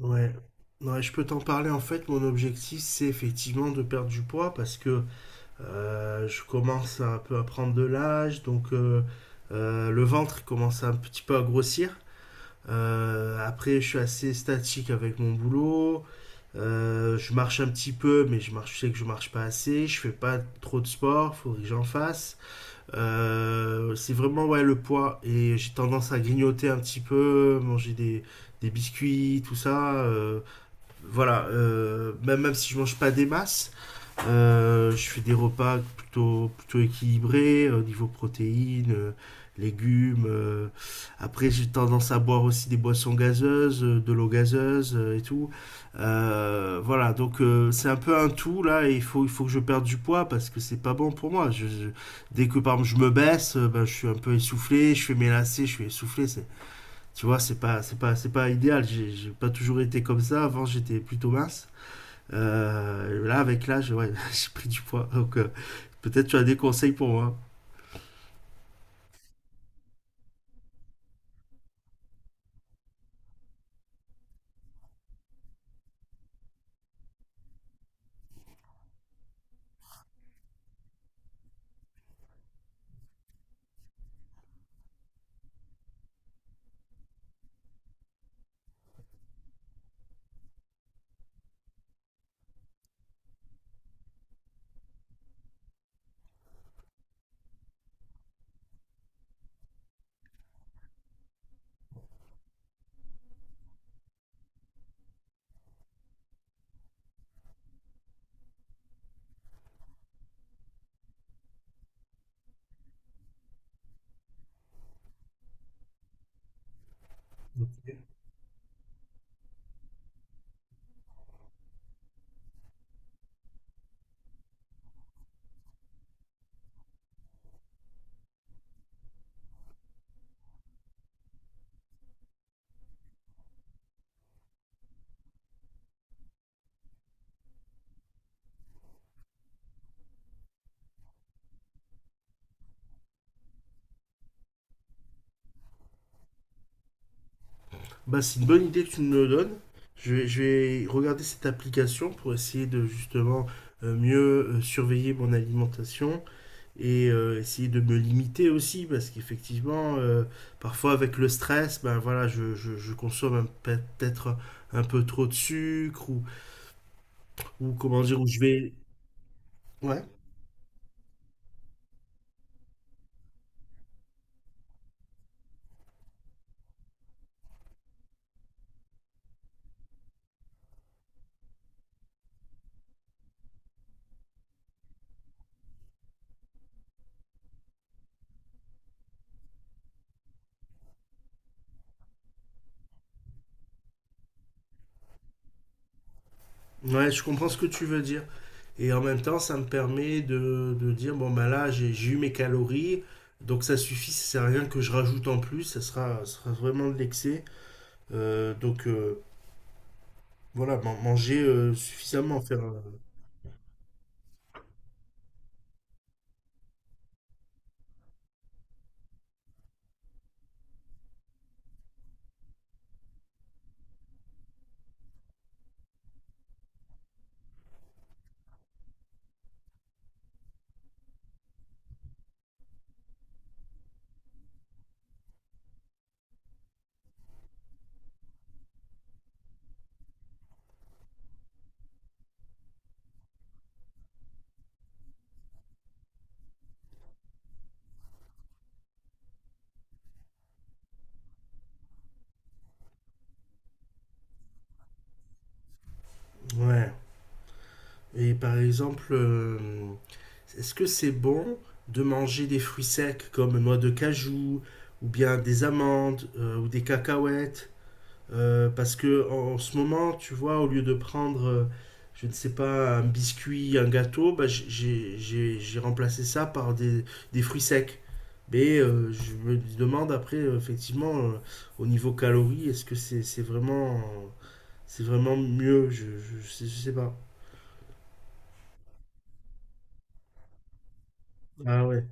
Ouais. Ouais, je peux t'en parler. En fait, mon objectif, c'est effectivement de perdre du poids parce que je commence un peu à prendre de l'âge, donc le ventre commence un petit peu à grossir. Après, je suis assez statique avec mon boulot. Je marche un petit peu, mais je sais que je marche pas assez. Je fais pas trop de sport, faudrait que j'en fasse. C'est vraiment ouais le poids et j'ai tendance à grignoter un petit peu, des biscuits, tout ça. Voilà, même si je mange pas des masses, je fais des repas plutôt équilibrés au niveau protéines, légumes. Après, j'ai tendance à boire aussi des boissons gazeuses, de l'eau gazeuse et tout. Voilà, donc c'est un peu un tout là. Et il faut que je perde du poids parce que c'est pas bon pour moi. Dès que par exemple je me baisse, ben, je suis un peu essoufflé, je fais mes lacets, je suis essoufflé. C'est tu vois, c'est pas idéal. J'ai pas toujours été comme ça. Avant, j'étais plutôt mince. Là, avec l'âge, ouais, j'ai pris du poids. Donc, peut-être tu as des conseils pour moi. Bah, c'est une bonne idée que tu me le donnes. Je vais regarder cette application pour essayer de justement mieux surveiller mon alimentation et essayer de me limiter aussi parce qu'effectivement, parfois avec le stress, ben voilà, je consomme un- peut-être un peu trop de sucre ou comment dire, où je vais Ouais. Ouais, je comprends ce que tu veux dire. Et en même temps, ça me permet de dire, bon, ben là, j'ai eu mes calories, donc ça suffit, ça sert à rien que je rajoute en plus, ça sera vraiment de l'excès. Euh, donc euh, voilà, man- manger suffisamment, ouais. Et par exemple, est-ce que c'est bon de manger des fruits secs comme noix de cajou, ou bien des amandes, ou des cacahuètes? Parce que en ce moment, tu vois, au lieu de prendre, je ne sais pas, un biscuit, un gâteau, bah, j- j'ai remplacé ça par des fruits secs. Mais je me demande après, effectivement, au niveau calories, est-ce que c'est vraiment mieux? Je sais pas. Ah ouais.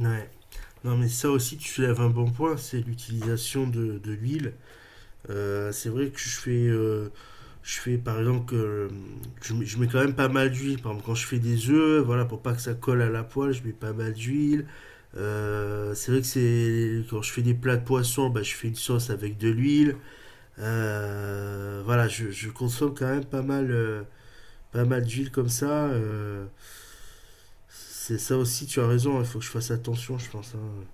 Ouais. Non, mais ça aussi, tu soulèves un bon point, c'est l'utilisation de l'huile. C'est vrai que je fais par exemple que je mets quand même pas mal d'huile. Par exemple, quand je fais des œufs, voilà, pour pas que ça colle à la poêle, je mets pas mal d'huile. C'est vrai que c'est quand je fais des plats de poisson, bah, je fais une sauce avec de l'huile. Voilà, je consomme quand même pas mal, pas mal d'huile comme ça. C'est ça aussi, tu as raison. Il faut que je fasse attention, je pense, hein.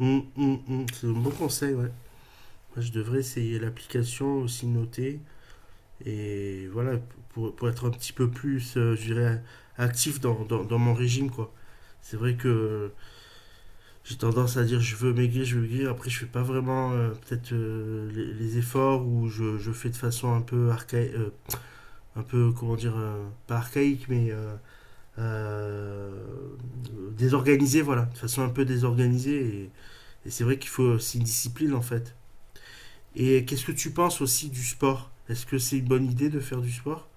C'est un bon conseil, ouais. Moi, je devrais essayer l'application aussi notée. Et voilà, pour être un petit peu plus, je dirais, actif dans mon régime, quoi. C'est vrai que j'ai tendance à dire je veux maigrir, après je fais pas vraiment peut-être les efforts ou je fais de façon un peu archaïque, un peu, comment dire, pas archaïque, mais euh, désorganisée, voilà, de façon un peu désorganisée. Et c'est vrai qu'il faut aussi une discipline, en fait. Et qu'est-ce que tu penses aussi du sport? Est-ce que c'est une bonne idée de faire du sport?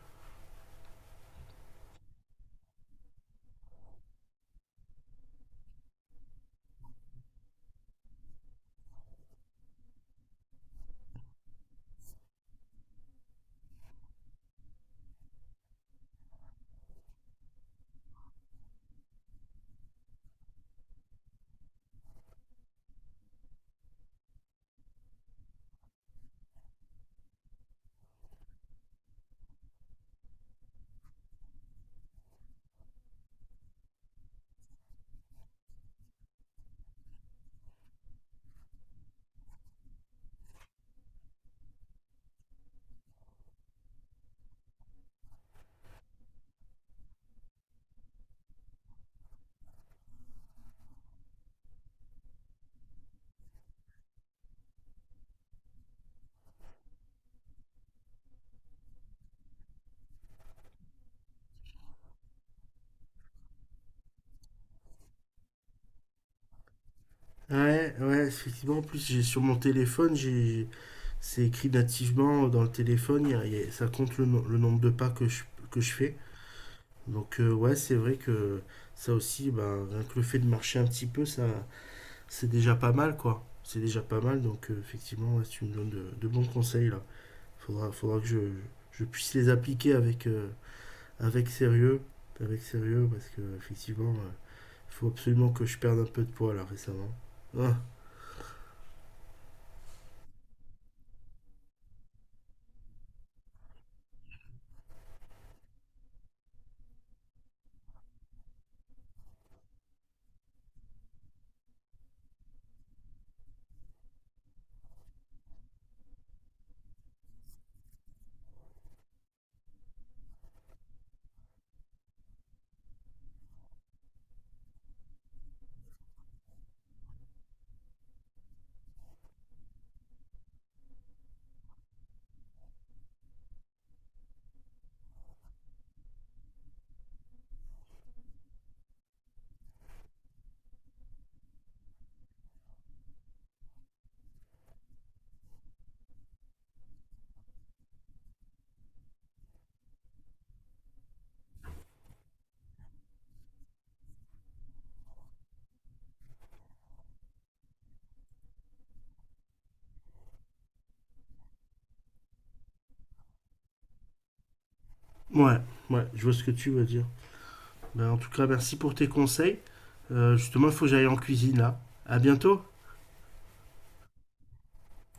Ouais, ouais, effectivement. En plus, j'ai sur mon téléphone, c'est écrit nativement dans le téléphone. Ça compte le, no- le nombre de pas que que je fais. Donc, ouais, c'est vrai que ça aussi, ben, rien que le fait de marcher un petit peu, ça, c'est déjà pas mal, quoi. C'est déjà pas mal. Donc, effectivement, ouais, tu me donnes de bons conseils là. Faudra que je puisse les appliquer avec, avec sérieux, avec sérieux, parce que effectivement, faut absolument que je perde un peu de poids là récemment. Ouais, ouais, je vois ce que tu veux dire. Ben, en tout cas, merci pour tes conseils. Justement, il faut que j'aille en cuisine là. À bientôt.